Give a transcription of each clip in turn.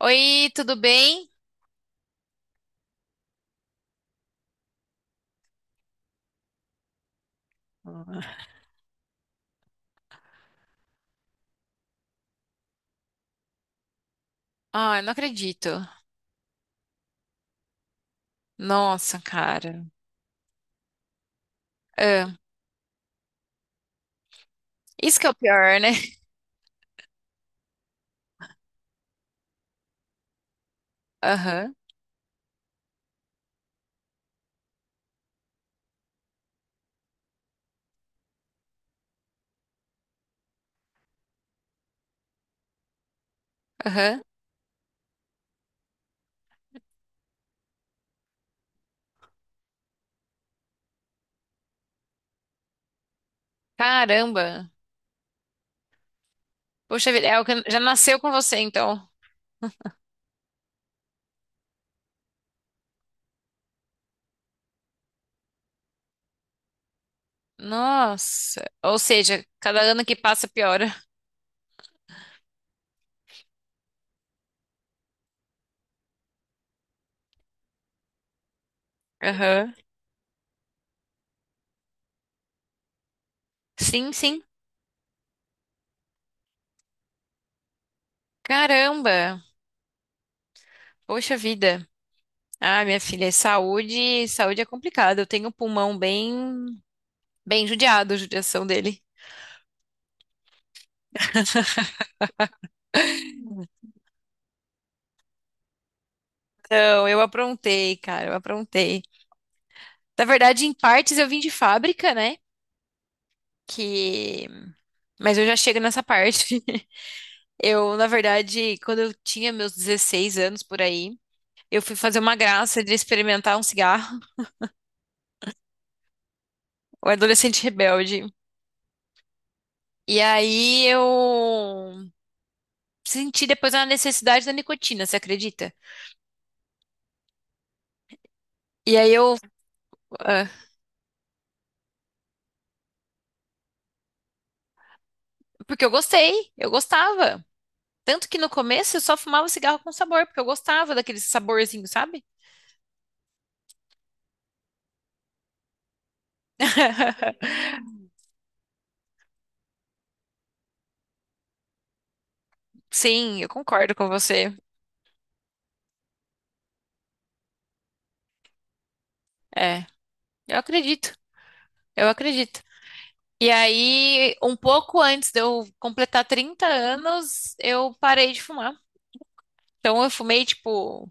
Oi, tudo bem? Ah, eu não acredito. Nossa, cara. Ah, isso que é o pior, né? Aham, aham. Caramba. Poxa vida, é o que já nasceu com você, então. Nossa. Ou seja, cada ano que passa piora. Aham. Sim, sim. Caramba. Poxa vida. Ah, minha filha, saúde, saúde é complicado. Eu tenho o pulmão bem, bem judiado, a judiação dele. Não, eu aprontei, cara, eu aprontei. Na verdade, em partes eu vim de fábrica, né? Que... mas eu já chego nessa parte. Eu, na verdade, quando eu tinha meus 16 anos por aí, eu fui fazer uma graça de experimentar um cigarro. O adolescente rebelde. E aí eu senti depois a necessidade da nicotina, você acredita? E aí eu. Ah, porque eu gostei, eu gostava. Tanto que no começo eu só fumava cigarro com sabor, porque eu gostava daquele saborzinho, sabe? Sim, eu concordo com você. É, eu acredito. Eu acredito. E aí, um pouco antes de eu completar 30 anos, eu parei de fumar. Então, eu fumei, tipo,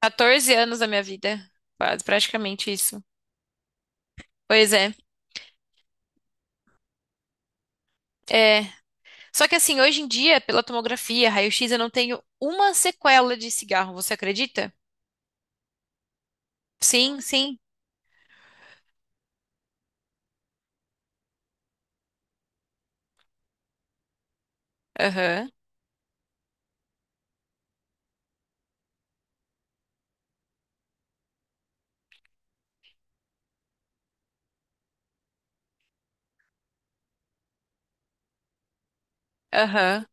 14 anos da minha vida. Quase, praticamente isso. Pois é. É. Só que, assim, hoje em dia, pela tomografia, raio-x, eu não tenho uma sequela de cigarro. Você acredita? Sim, sim. Aham. Aham.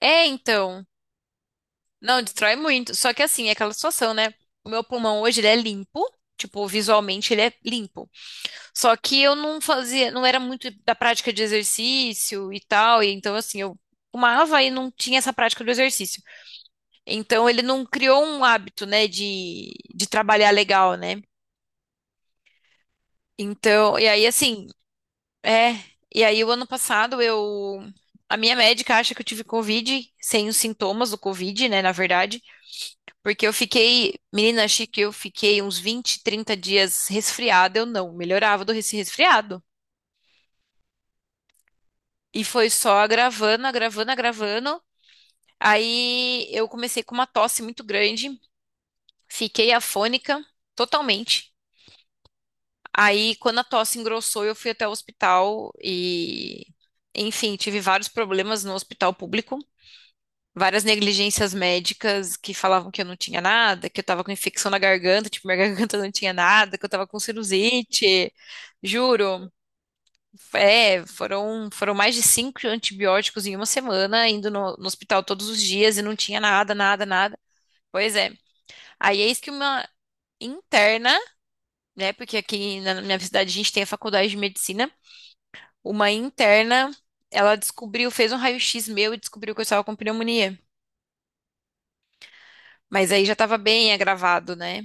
É, então. Não, destrói muito. Só que, assim, é aquela situação, né? O meu pulmão hoje, ele é limpo. Tipo, visualmente, ele é limpo. Só que eu não fazia, não era muito da prática de exercício e tal, e então assim, eu fumava e não tinha essa prática do exercício. Então ele não criou um hábito, né, de trabalhar legal, né? Então, e aí assim, é, e aí o ano passado eu. A minha médica acha que eu tive Covid, sem os sintomas do Covid, né, na verdade, porque eu fiquei, menina, achei que eu fiquei uns 20 30 dias resfriada, eu não melhorava do resfriado. E foi só agravando, agravando, agravando. Aí eu comecei com uma tosse muito grande, fiquei afônica totalmente. Aí quando a tosse engrossou, eu fui até o hospital e, enfim, tive vários problemas no hospital público, várias negligências médicas que falavam que eu não tinha nada, que eu tava com infecção na garganta, tipo, minha garganta não tinha nada, que eu tava com sinusite, juro. É, foram mais de cinco antibióticos em uma semana, indo no hospital todos os dias e não tinha nada, nada, nada. Pois é. Aí eis que uma interna, né? Porque aqui na minha cidade a gente tem a faculdade de medicina. Uma interna, ela descobriu, fez um raio-x meu e descobriu que eu estava com pneumonia. Mas aí já estava bem agravado, né?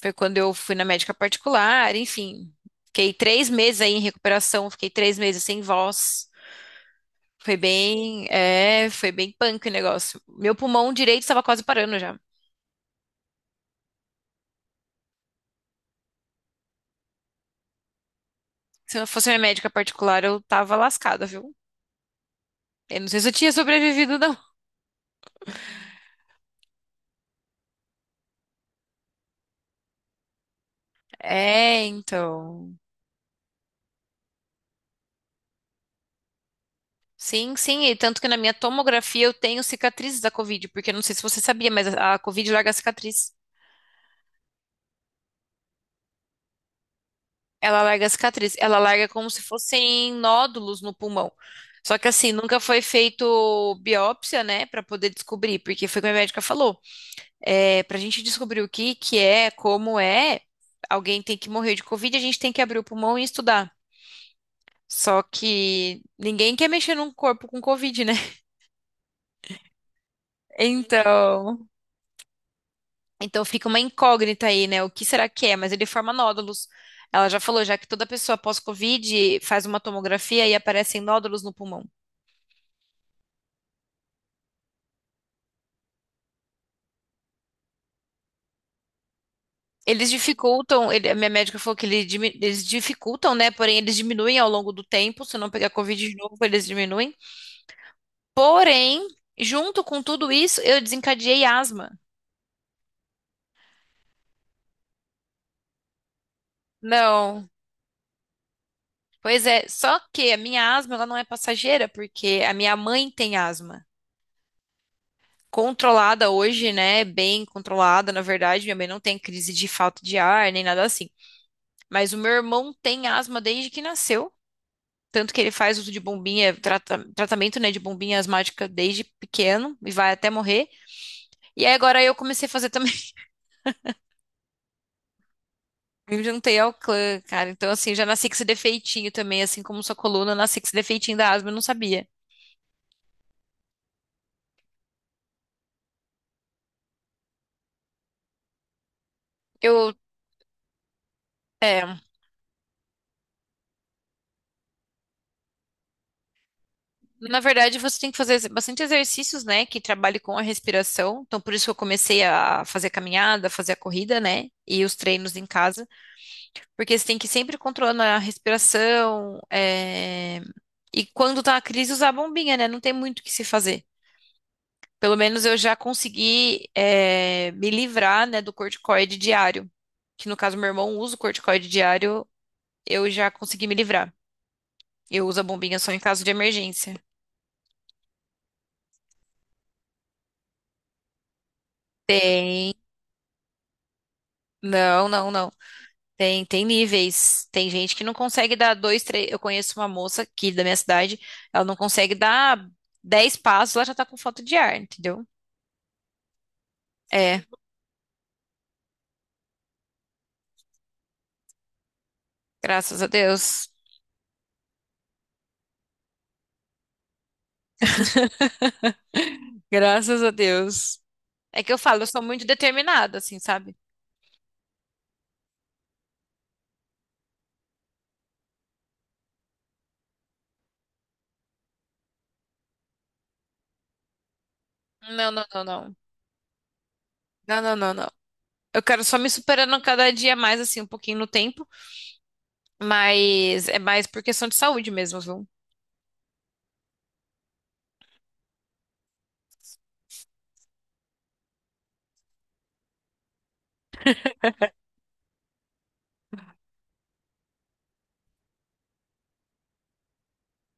Foi quando eu fui na médica particular, enfim. Fiquei 3 meses aí em recuperação, fiquei 3 meses sem voz. Foi bem, é, foi bem punk o negócio. Meu pulmão direito estava quase parando já. Se eu fosse minha médica particular, eu tava lascada, viu? Eu não sei se eu tinha sobrevivido, não. É, então. Sim, sim, e tanto que na minha tomografia eu tenho cicatrizes da Covid, porque eu não sei se você sabia, mas a Covid larga a cicatriz. Ela larga a cicatriz, ela larga como se fossem nódulos no pulmão. Só que assim, nunca foi feito biópsia, né, pra poder descobrir, porque foi o que a médica falou. Para a gente descobrir o que que é, como é, alguém tem que morrer de Covid, a gente tem que abrir o pulmão e estudar. Só que ninguém quer mexer num corpo com Covid, né? Então, então fica uma incógnita aí, né? O que será que é? Mas ele forma nódulos. Ela já falou, já que toda pessoa pós-Covid faz uma tomografia e aparecem nódulos no pulmão. Eles dificultam, ele- a minha médica falou que ele dimi- eles dificultam, né? Porém, eles diminuem ao longo do tempo. Se não pegar Covid de novo, eles diminuem. Porém, junto com tudo isso, eu desencadeei asma. Não. Pois é, só que a minha asma ela não é passageira, porque a minha mãe tem asma. Controlada hoje, né? Bem controlada, na verdade. Minha mãe não tem crise de falta de ar, nem nada assim. Mas o meu irmão tem asma desde que nasceu. Tanto que ele faz uso de bombinha, tratamento, né, de bombinha asmática desde pequeno e vai até morrer. E aí agora eu comecei a fazer também. Eu juntei ao clã, cara. Então, assim, já nasci com esse defeitinho também, assim como sua coluna, eu nasci com esse defeitinho da asma, eu não sabia. Eu, é, na verdade, você tem que fazer bastante exercícios, né, que trabalhe com a respiração. Então, por isso que eu comecei a fazer a caminhada, fazer a corrida, né, e os treinos em casa, porque você tem que ir sempre controlando a respiração, é, e quando tá a crise, usar a bombinha, né, não tem muito o que se fazer. Pelo menos eu já consegui me livrar, né, do corticoide diário. Que no caso, meu irmão usa o corticoide diário, eu já consegui me livrar. Eu uso a bombinha só em caso de emergência. Tem. Não, não, não. Tem, tem níveis. Tem gente que não consegue dar dois, três. Eu conheço uma moça aqui da minha cidade, ela não consegue dar 10 passos, ela já tá com falta de ar, entendeu? É, graças a Deus. Graças a Deus. É que eu falo, eu sou muito determinada, assim, sabe? Não, não, não, não. Não, não, não, não. Eu quero só me superando cada dia mais, assim, um pouquinho no tempo, mas é mais por questão de saúde mesmo, viu?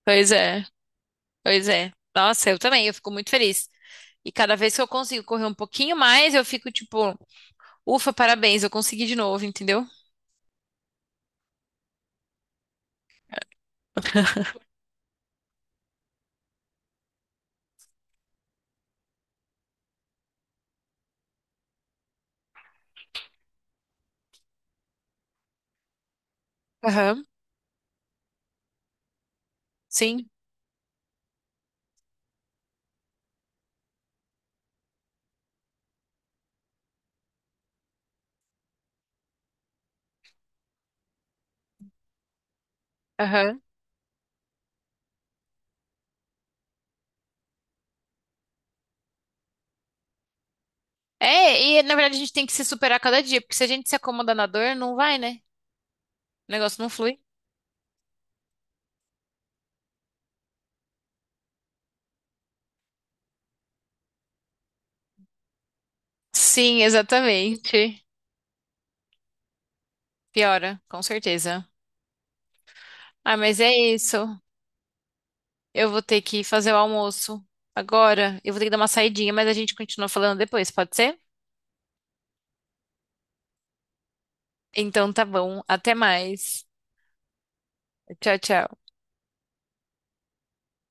Pois é, pois é. Nossa, eu também, eu fico muito feliz. E cada vez que eu consigo correr um pouquinho mais, eu fico tipo, ufa, parabéns, eu consegui de novo, entendeu? Aham, sim, aham. É, e na verdade a gente tem que se superar cada dia, porque se a gente se acomoda na dor, não vai, né? O negócio não flui. Sim, exatamente. Piora, com certeza. Ah, mas é isso. Eu vou ter que fazer o almoço agora. Eu vou ter que dar uma saidinha, mas a gente continua falando depois, pode ser? Então tá bom. Até mais. Tchau, tchau.